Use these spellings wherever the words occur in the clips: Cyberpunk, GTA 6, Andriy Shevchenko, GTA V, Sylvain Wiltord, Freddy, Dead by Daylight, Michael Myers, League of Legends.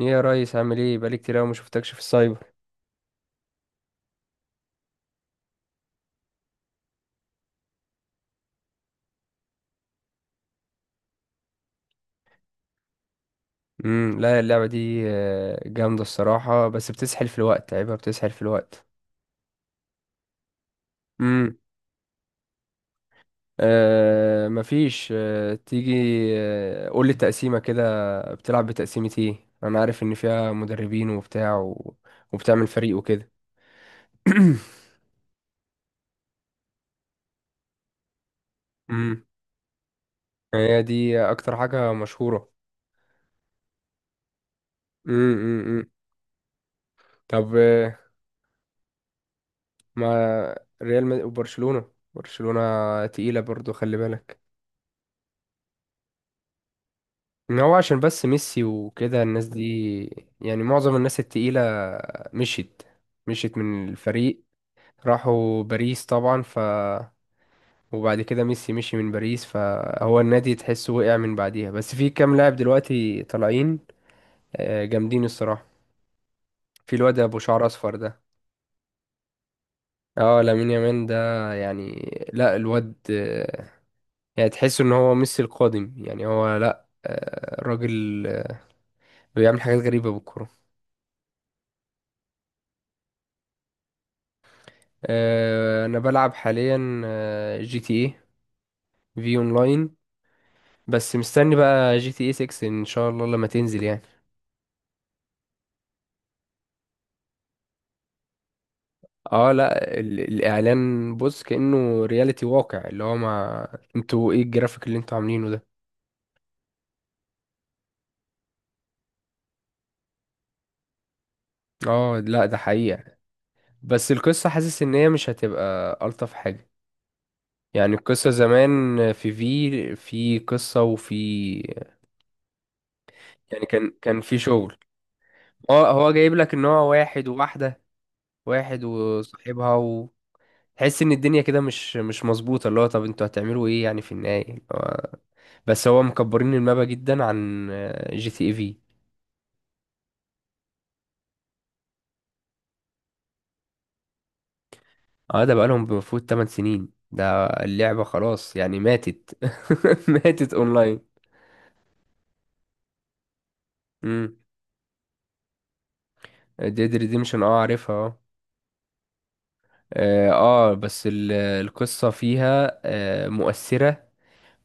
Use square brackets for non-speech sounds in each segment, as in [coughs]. ايه يا ريس، عامل ايه؟ بقالي كتير قوي ما شفتكش في السايبر. لا اللعبه دي جامده الصراحه، بس بتسحل في الوقت، عيبها بتسحل في الوقت. امم آه مفيش. تيجي قول لي التقسيمه كده. بتلعب بتقسيمه ايه؟ انا عارف ان فيها مدربين وبتاع وبتعمل فريق وكده. [coughs] [clears throat] امم هي دي اكتر حاجه مشهوره. امم طب ما ريال وبرشلونه، برشلونه تقيله برضو، خلي بالك. إن هو عشان بس ميسي وكده الناس دي، يعني معظم الناس التقيلة مشيت مشيت من الفريق. راحوا باريس طبعا، ف وبعد كده ميسي مشي من باريس، فهو النادي تحسه وقع من بعديها. بس في كام لاعب دلوقتي طالعين جامدين الصراحة. في الواد ابو شعر اصفر ده، اه لامين يامال ده. يعني لا الواد يعني تحس ان هو ميسي القادم. يعني هو لا راجل، بيعمل حاجات غريبة بالكرة. انا بلعب حاليا جي تي اي في اونلاين. بس مستني بقى جي تي اي 6 ان شاء الله لما تنزل، يعني اه لا الاعلان بص كأنه رياليتي واقع، اللي هو ما انتوا ايه الجرافيك اللي انتوا عاملينه ده؟ اه لا ده حقيقة، بس القصة حاسس ان هي مش هتبقى الطف حاجة. يعني القصة زمان في قصة وفي، يعني كان في شغل. اه هو جايب لك ان هو واحد وواحدة، واحد وصاحبها. تحس ان الدنيا كده مش مظبوطه، اللي هو طب انتوا هتعملوا ايه يعني في النهايه بس هو مكبرين المابا جدا عن جي تي اي في. اه ده بقالهم بمفروض 8 سنين، ده اللعبه خلاص يعني ماتت. [laughs] ماتت اونلاين. امم ديد ريديمشن، اه عارفها، اه. اه بس القصه فيها آه مؤثره،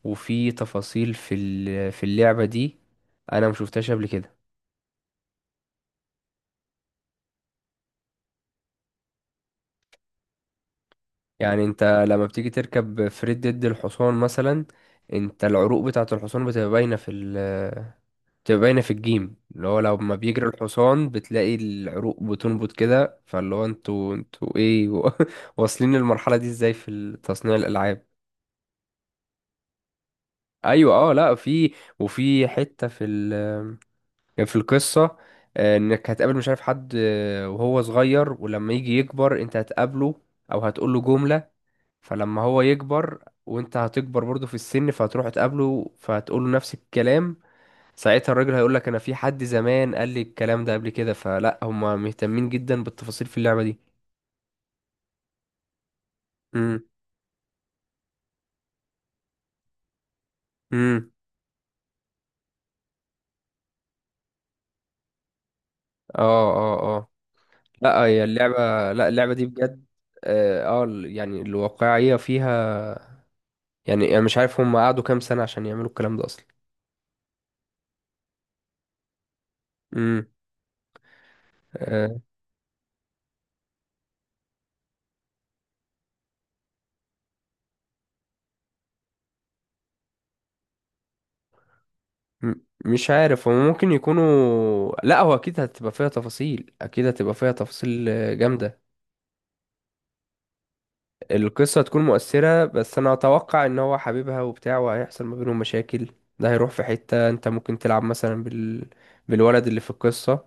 وفي تفاصيل في في اللعبه دي، انا مشوفتهاش قبل كده. يعني انت لما بتيجي تركب فريد ضد الحصان مثلا، انت العروق بتاعة الحصان بتبقى باينة في ال، بتبقى باينة في الجيم، اللي هو لما بيجري الحصان بتلاقي العروق بتنبض كده، فاللي هو انتوا ايه [laughs] واصلين للمرحلة دي ازاي في تصنيع الألعاب؟ ايوه اه لا في، وفي حتة في ال، في القصة انك هتقابل مش عارف حد وهو صغير، ولما يجي يكبر انت هتقابله او هتقول له جملة. فلما هو يكبر وانت هتكبر برضه في السن، فهتروح تقابله فهتقول له نفس الكلام. ساعتها الراجل هيقول لك انا في حد زمان قال لي الكلام ده قبل كده. فلا هما مهتمين جدا بالتفاصيل في اللعبة دي. امم. امم. اه اه اه. لا هي اللعبة، لا اللعبة دي بجد اه يعني الواقعية فيها، يعني انا مش عارف هم قعدوا كام سنة عشان يعملوا الكلام ده اصلا. امم. آه. م- مش عارف هو ممكن يكونوا، لا هو اكيد هتبقى فيها تفاصيل، اكيد هتبقى فيها تفاصيل جامده. القصه هتكون مؤثره، بس انا اتوقع ان هو حبيبها وبتاع وهيحصل ما بينهم مشاكل. ده هيروح في حته انت ممكن تلعب مثلا بالولد اللي في القصه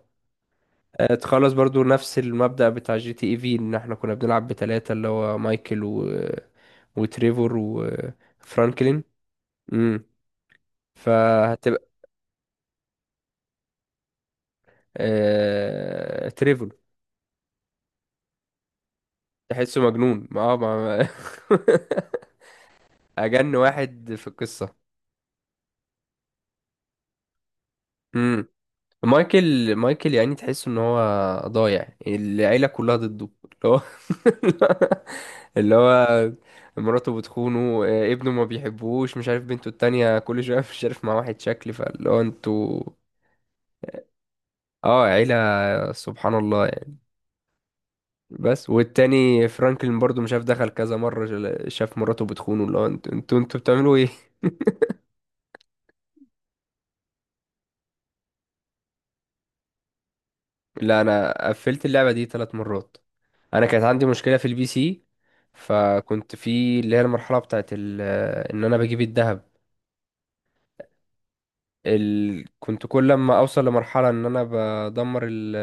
تخلص برضو نفس المبدأ بتاع جي تي اي في، ان احنا كنا بنلعب بتلاتة، اللي هو مايكل وتريفور وفرانكلين. امم فهتبقى. آه... تريفور. تحسه مجنون، ما اه ما [laughs] ما- اجن واحد في القصة. امم. مايكل يعني تحسه ان هو ضايع، العيلة كلها ضده. اللي هو [laughs] اللي هو مراته بتخونه ابنه ما بيحبوش، مش عارف بنته التانية كل شوية مش عارف مع واحد شكل، فاللي هو انتوا. اه عيلة، سبحان الله يعني. بس والتاني فرانكلين برضو مش عارف دخل كذا مرة شاف مراته بتخونه، اللي هو انتوا بتعملوا ايه؟ لا انا قفلت اللعبة دي ثلاث مرات. انا كانت عندي مشكله في البي سي، فكنت في اللي هي المرحله بتاعت ان انا بجيب الذهب. ال... كنت كل لما اوصل لمرحله ان انا بدمر ال...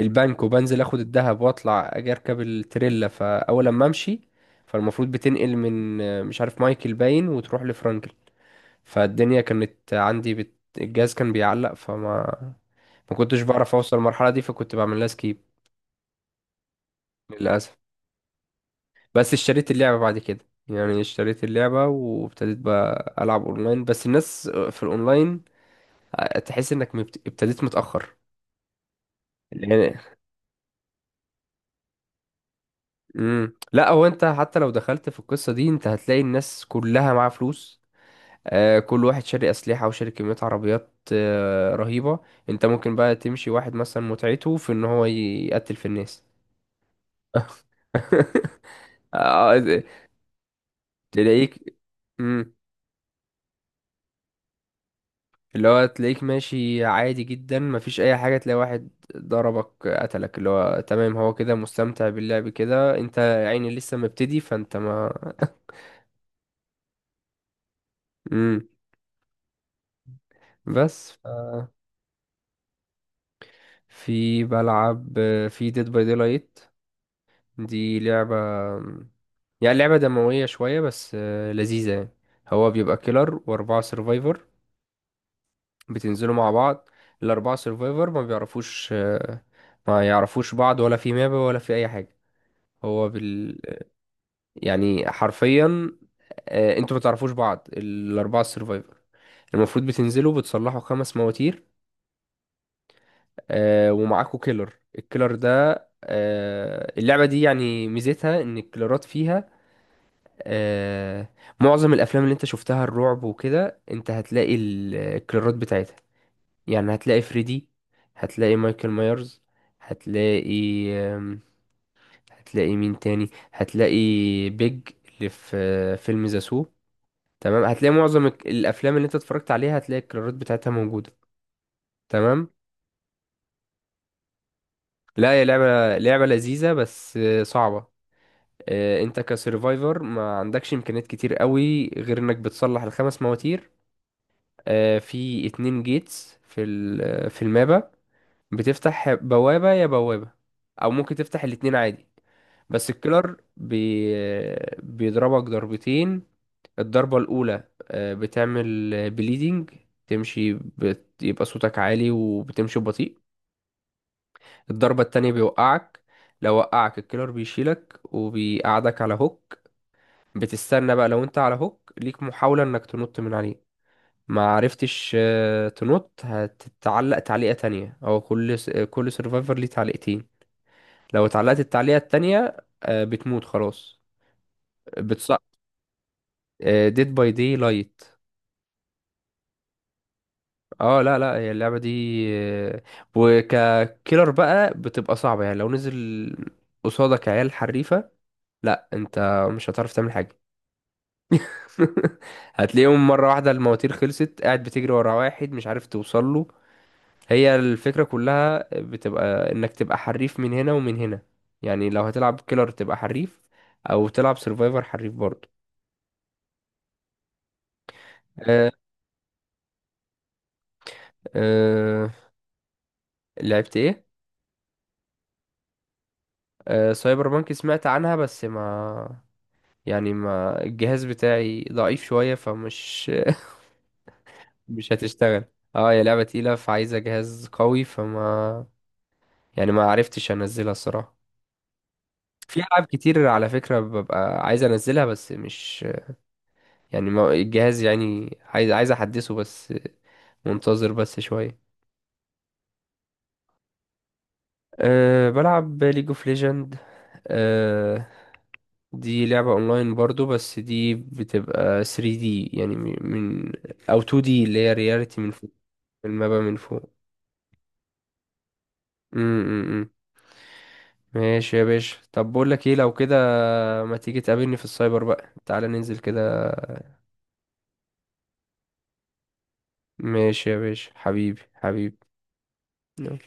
البنك وبنزل اخد الذهب واطلع اجي اركب التريلا، فاول لما امشي، فالمفروض بتنقل من مش عارف مايكل باين وتروح لفرانكل، فالدنيا كانت عندي الجهاز كان بيعلق، فما ما كنتش بعرف اوصل المرحله دي، فكنت بعمل لها سكيب للاسف. بس اشتريت اللعبة بعد كده، يعني اشتريت اللعبة وابتديت بقى ألعب أونلاين، بس الناس في الأونلاين تحس إنك ابتديت متأخر يعني. لا هو أنت حتى لو دخلت في القصة دي أنت هتلاقي الناس كلها معاها فلوس، آه كل واحد شاري أسلحة وشاري كمية عربيات آه رهيبة. أنت ممكن بقى تمشي واحد مثلا متعته في إن هو يقتل في الناس. [laughs] آه، تلاقيك، اللي هو تلاقيك ماشي عادي جدا مفيش اي حاجة، تلاقي واحد ضربك قتلك، اللي هو تمام هو كده مستمتع باللعب كده، انت يا عيني لسه مبتدي فانت ما. مم. بس في بلعب في ديد باي دي لايت. دي لعبة، يعني لعبة دموية شوية بس لذيذة يعني. هو بيبقى كيلر وأربعة سيرفايفر، بتنزلوا مع بعض. الأربعة سيرفايفر ما بيعرفوش ما يعرفوش بعض، ولا في ماب ولا في أي حاجة. هو يعني حرفيا انتوا ما تعرفوش بعض، الاربعه السرفايفر المفروض بتنزلوا بتصلحوا خمس مواتير، ومعاكوا كيلر. الكيلر ده اللعبه دي يعني ميزتها ان الكيلرات فيها آه، معظم الافلام اللي انت شفتها الرعب وكده، انت هتلاقي الكيلرات بتاعتها. يعني هتلاقي فريدي، هتلاقي مايكل مايرز، هتلاقي هتلاقي مين تاني؟ هتلاقي بيج اللي في فيلم ذا، تمام؟ هتلاقي معظم الافلام اللي انت اتفرجت عليها هتلاقي الكرارات بتاعتها موجوده. تمام. لا هي لعبه لذيذه، بس صعبه. انت كسرفايفر ما عندكش امكانيات كتير قوي غير انك بتصلح الخمس مواتير. في اتنين جيتس في في المابا، بتفتح بوابه يا بوابه، او ممكن تفتح الاتنين عادي. بس الكيلر بيضربك ضربتين. الضربة الأولى بتعمل بليدنج، تمشي يبقى صوتك عالي وبتمشي ببطيء. الضربة التانية بيوقعك، لو وقعك الكيلر بيشيلك وبيقعدك على هوك. بتستنى بقى، لو انت على هوك ليك محاولة انك تنط من عليه، ما عرفتش تنط هتتعلق تعليقة تانية، او كل سيرفايفر ليه تعليقتين. لو اتعلقت التعليقة التانية بتموت خلاص. بتص... ديد باي دي لايت. اه لا لا هي اللعبة دي آه، وككيلر بقى بتبقى صعبة، يعني لو نزل قصادك عيال حريفة، لا انت مش هتعرف تعمل حاجة. [laughs] هتلاقيهم مرة واحدة المواتير خلصت، قاعد بتجري ورا واحد مش عارف توصل له. هي الفكرة كلها بتبقى انك تبقى حريف من هنا ومن هنا، يعني لو هتلعب كيلر تبقى حريف، او تلعب سيرفايفر حريف برضه. أه أه. لعبت ايه؟ أه سايبر بانك سمعت عنها، بس ما يعني ما الجهاز بتاعي ضعيف شوية فمش مش هتشتغل. اه هي لعبة تقيلة فعايزة جهاز قوي، فما يعني ما عرفتش انزلها الصراحة. في ألعاب كتير على فكرة ببقى عايز انزلها، بس مش يعني ما الجهاز يعني عايز احدثه، بس منتظر بس شوية. أه بلعب ليج اوف ليجند. أه دي لعبة اونلاين برضو، بس دي بتبقى 3D، يعني او 2D اللي هي رياليتي من فوق، المابا من فوق. امم. ماشي يا باشا، طب بقول لك ايه لو كده، ما تيجي تقابلني في السايبر بقى، تعالى ننزل كده. ماشي يا باشا، حبيبي حبيبي. يلا.